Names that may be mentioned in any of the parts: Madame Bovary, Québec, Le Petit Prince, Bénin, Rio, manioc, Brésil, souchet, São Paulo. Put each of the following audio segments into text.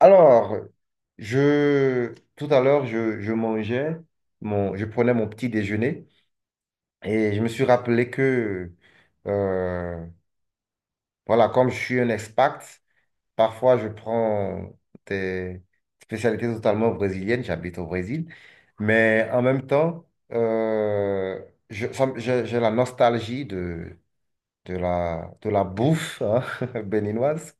Alors, tout à l'heure, je mangeais, je prenais mon petit déjeuner et je me suis rappelé euh, voilà, comme je suis un expat, parfois je prends des spécialités totalement brésiliennes, j'habite au Brésil, mais en même temps, euh, j'ai la nostalgie de la bouffe, hein, béninoise.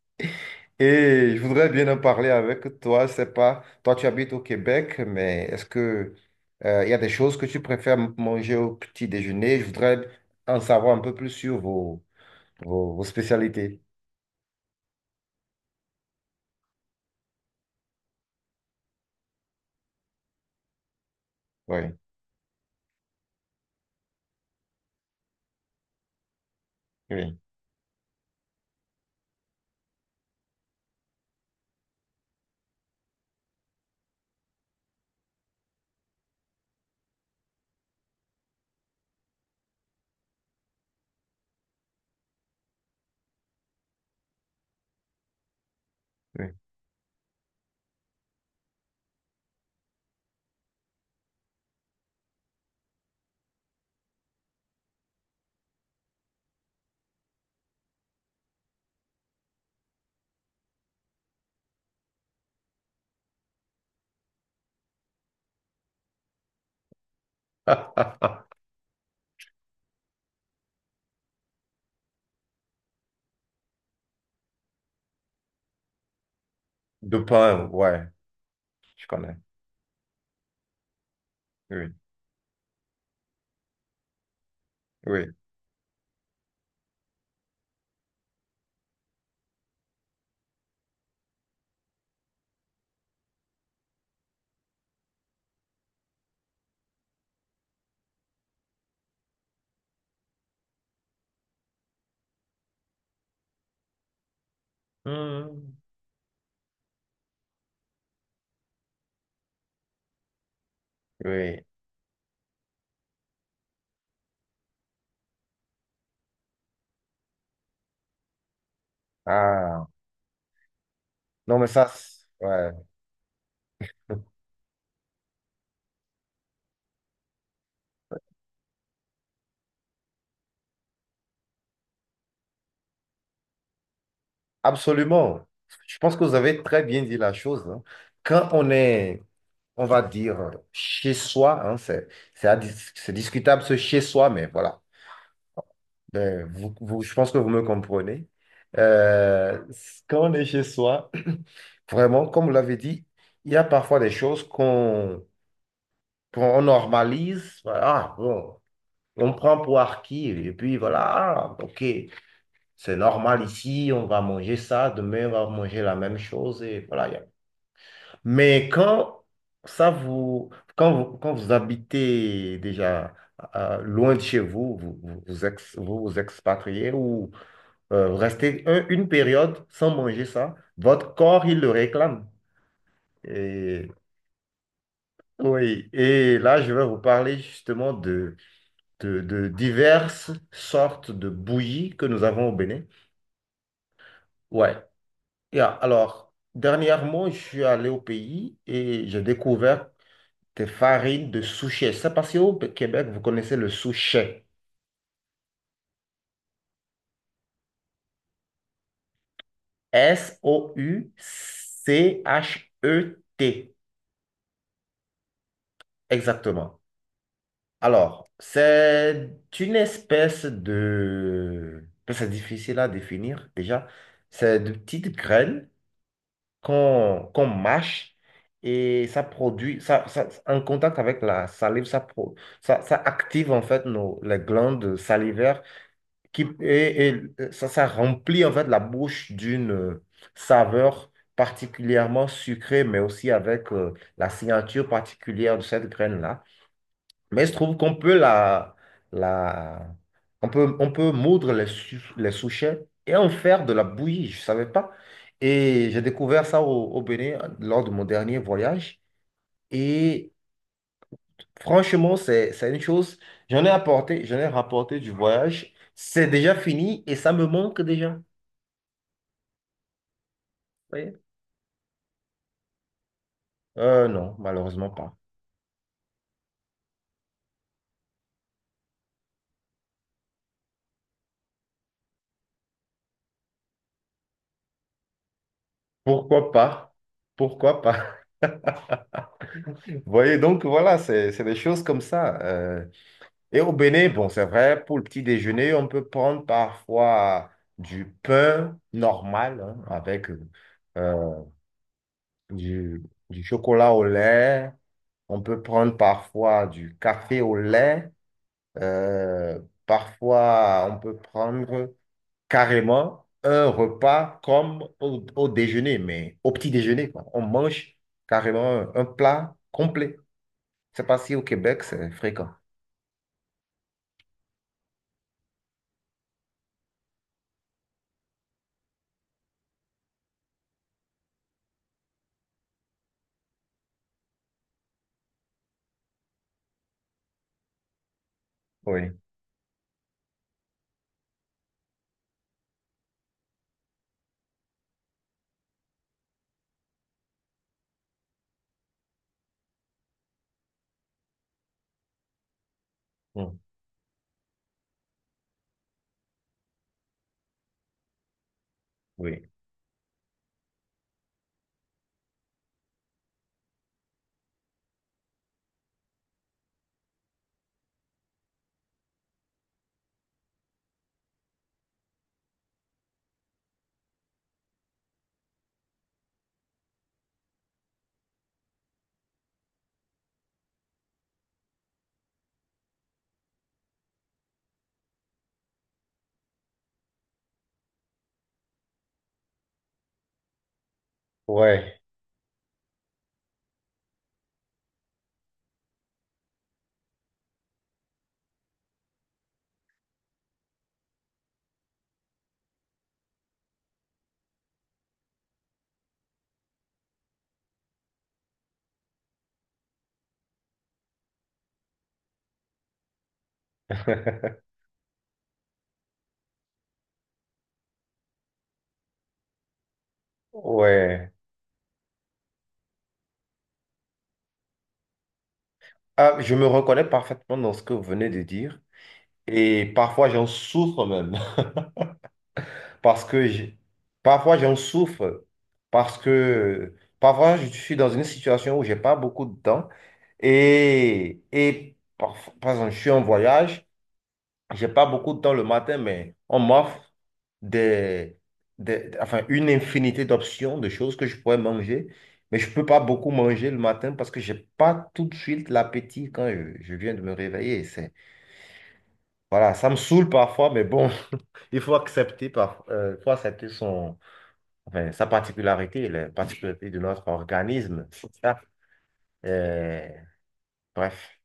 Et je voudrais bien en parler avec toi. Je sais pas, toi tu habites au Québec, mais est-ce que il y a des choses que tu préfères manger au petit déjeuner? Je voudrais en savoir un peu plus sur vos spécialités. Oui, oui, oui. De pain, ouais, je connais. Oui, oui. Hmm. Oui. Ah, non, mais ça, ouais. Absolument. Je pense que vous avez très bien dit la chose, hein. Quand on est, on va dire, chez soi, hein, c'est à dis- c'est discutable, ce chez soi, mais voilà. Ben, je pense que vous me comprenez. Euh, Quand on est chez soi, vraiment, comme vous l'avez dit, il y a parfois des choses qu'on normalise. Voilà, ah, bon, on prend pour acquis, et puis voilà, ah, ok, c'est normal ici, on va manger ça, demain on va manger la même chose, et voilà. Mais quand ça vous, quand vous, quand vous habitez déjà loin de chez vous, vous vous expatriez ou vous restez une période sans manger ça, votre corps, il le réclame. Et, oui, et là, je vais vous parler justement de diverses sortes de bouillies que nous avons au Bénin. Ouais. Et alors, dernièrement, je suis allé au pays et j'ai découvert de farine de souchet. C'est parce qu'au Québec, vous connaissez le souchet. Souchet. Exactement. Alors, c'est une espèce de, c'est difficile à définir déjà. C'est de petites graines qu'on mâche et ça produit, en contact avec la salive, ça active en fait les glandes salivaires, et ça remplit en fait la bouche d'une saveur particulièrement sucrée, mais aussi avec la signature particulière de cette graine-là. Mais il se trouve qu'on peut la, la, on peut moudre les souchets et en faire de la bouillie, je ne savais pas. Et j'ai découvert ça au Bénin lors de mon dernier voyage. Et franchement, c'est une chose, j'en ai rapporté du voyage. C'est déjà fini et ça me manque déjà. Oui. Non, malheureusement pas. Pourquoi pas? Pourquoi pas? Vous voyez, donc voilà, c'est des choses comme ça. Et au Bénin, bon, c'est vrai, pour le petit déjeuner, on peut prendre parfois du pain normal, hein, avec euh, du, du chocolat au lait. On peut prendre parfois du café au lait. Euh, Parfois, on peut prendre carrément un repas comme au déjeuner, mais au petit déjeuner, quoi. On mange carrément un plat complet. Je sais pas si au Québec, c'est fréquent. Oui. Mm. Oui, ouais, ouais. Ah, je me reconnais parfaitement dans ce que vous venez de dire et parfois j'en souffre même, parce que j'ai- parfois j'en souffre parce que parfois je suis dans une situation où j'ai pas beaucoup de temps et parfois, par exemple, je suis en voyage. J'ai pas beaucoup de temps le matin, mais on m'offre des, enfin, une infinité d'options, de choses que je pourrais manger. Mais je peux pas beaucoup manger le matin parce que j'ai pas tout de suite l'appétit quand je viens de me réveiller. C'est, voilà, ça me saoule parfois, mais bon, il faut accepter enfin, sa particularité, les particularités de notre organisme. Ça, euh, Bref,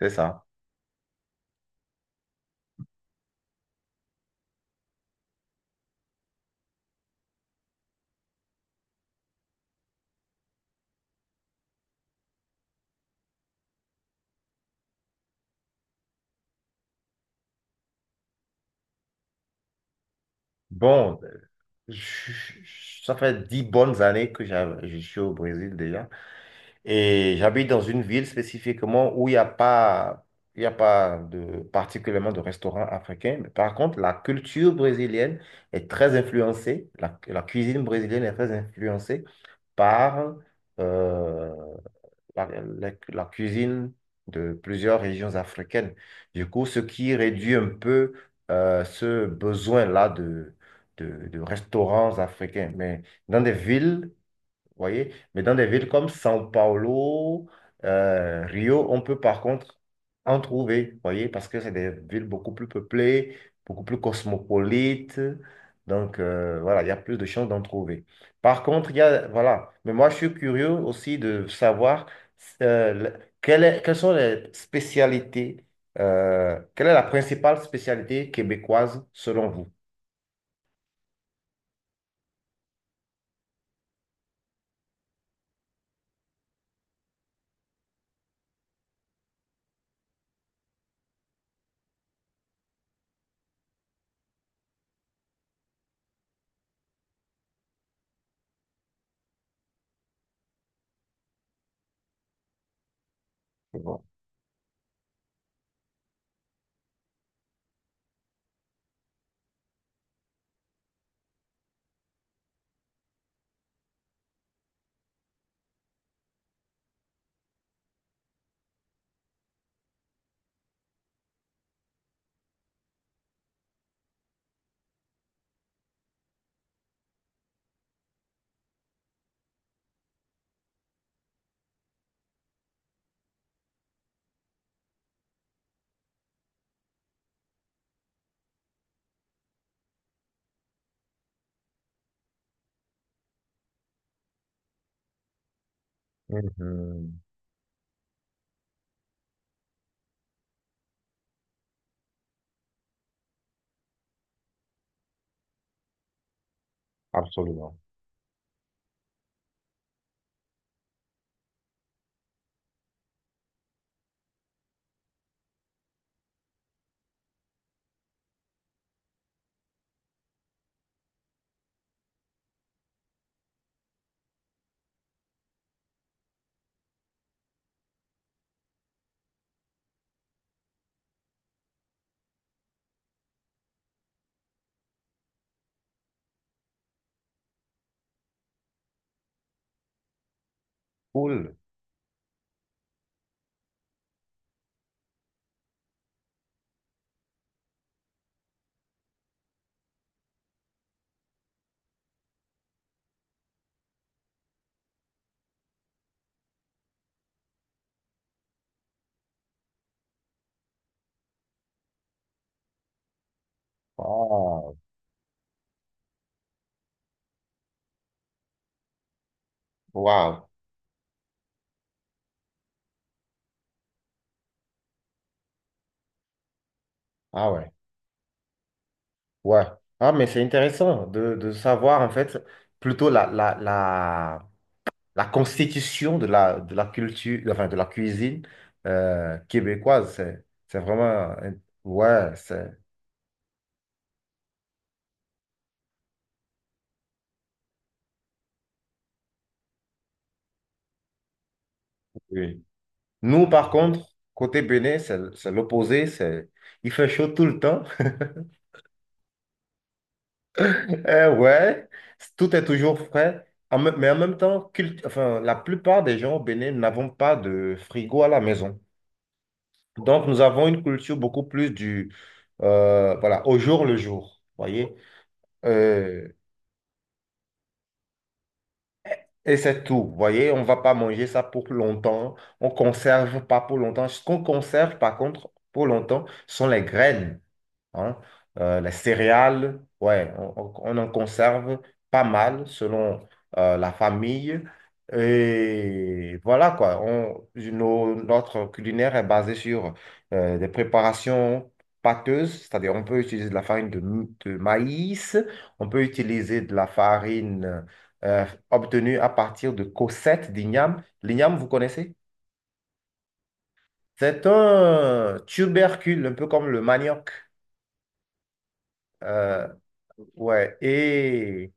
c'est ça. Bon, je- ça fait 10 bonnes années je suis au Brésil déjà. Et j'habite dans une ville spécifiquement où il n'y a pas, il y a pas de, particulièrement de restaurants africains. Mais par contre, la cuisine brésilienne est très influencée par euh, la cuisine de plusieurs régions africaines. Du coup, ce qui réduit un peu ce besoin-là de, restaurants africains. Mais dans des villes vous voyez? Mais dans des villes comme São Paulo, Rio, on peut par contre en trouver, vous voyez? Parce que c'est des villes beaucoup plus peuplées, beaucoup plus cosmopolites. Donc, voilà, il y a plus de chances d'en trouver. Par contre, voilà. Mais moi, je suis curieux aussi de savoir quelles sont les spécialités, quelle est la principale spécialité québécoise selon vous? C'est bon. Mhm. Absolument. Cool. Wow. Wow. Ah ouais, ouais. Ah, mais c'est intéressant de savoir en fait plutôt la constitution de la culture, enfin de la cuisine québécoise. C'est vraiment. un- Ouais, c'est. Oui. Nous, par contre, côté Bénin, c'est l'opposé. Il fait chaud tout le temps. Eh ouais, tout est toujours frais. Mais en même temps, enfin, la plupart des gens au Bénin n'avons pas de frigo à la maison. Donc, nous avons une culture beaucoup plus voilà, au jour le jour, voyez. Euh, et c'est tout, voyez. On ne va pas manger ça pour longtemps. On conserve pas pour longtemps. Ce qu'on conserve, par contre, pour longtemps, sont les graines, hein. Les céréales, ouais, on en conserve pas mal selon la famille. Et voilà quoi, notre culinaire est basé sur des préparations pâteuses, c'est-à-dire on peut utiliser de la farine de maïs, on peut utiliser de la farine obtenue à partir de cossettes d'igname. L'igname, vous connaissez? C'est un tubercule, un peu comme le manioc. Euh, Ouais. Et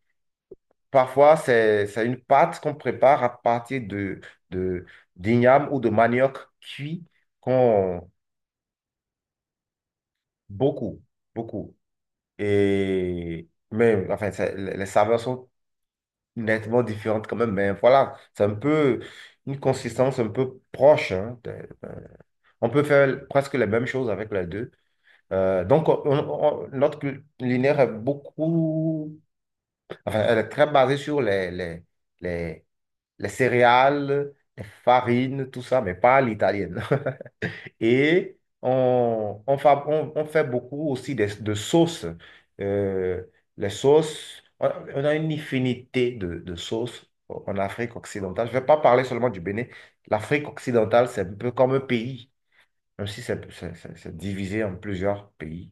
parfois, c'est une pâte qu'on prépare à partir de, d'igname ou de manioc cuit qu'on, Beaucoup, beaucoup. Mais, enfin, les saveurs sont nettement différentes quand même, mais voilà, c'est un peu une consistance un peu proche, hein. De- on peut faire presque les mêmes choses avec les deux. Donc, notre culinaire est beaucoup, enfin, elle est très basée sur les les céréales, les farines, tout ça, mais pas à l'italienne. Et on fait beaucoup aussi sauces. Euh, les sauces, on a une infinité de sauces en Afrique occidentale. Je ne vais pas parler seulement du Bénin. L'Afrique occidentale, c'est un peu comme un pays, même si c'est divisé en plusieurs pays.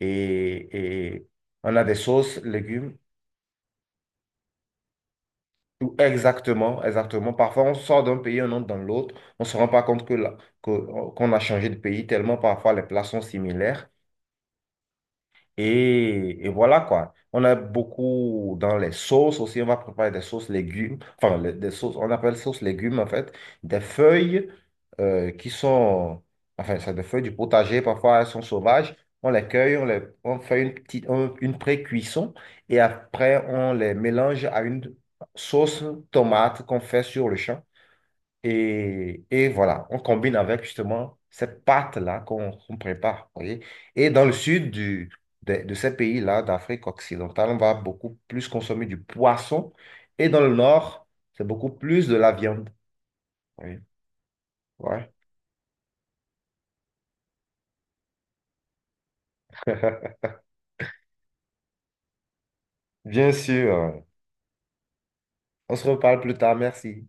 Et on a des sauces, légumes. Exactement, exactement. Parfois, on sort d'un pays, on entre dans l'autre. On ne se rend pas compte que, qu'on a changé de pays tellement parfois les plats sont similaires. Et voilà quoi. On a beaucoup dans les sauces aussi. On va préparer des sauces légumes. Enfin, des sauces, on appelle sauce légumes en fait. Des feuilles qui sont. Enfin, c'est des feuilles du potager. Parfois, elles sont sauvages. On les cueille, on fait une pré-cuisson. Et après, on les mélange à une sauce tomate qu'on fait sur le champ. Et voilà, on combine avec justement cette pâte-là qu'on prépare, vous voyez. Et dans le sud du, de ces pays-là, d'Afrique occidentale, on va beaucoup plus consommer du poisson. Et dans le nord, c'est beaucoup plus de la viande. Oui, ouais. Bien sûr. On se reparle plus tard. Merci.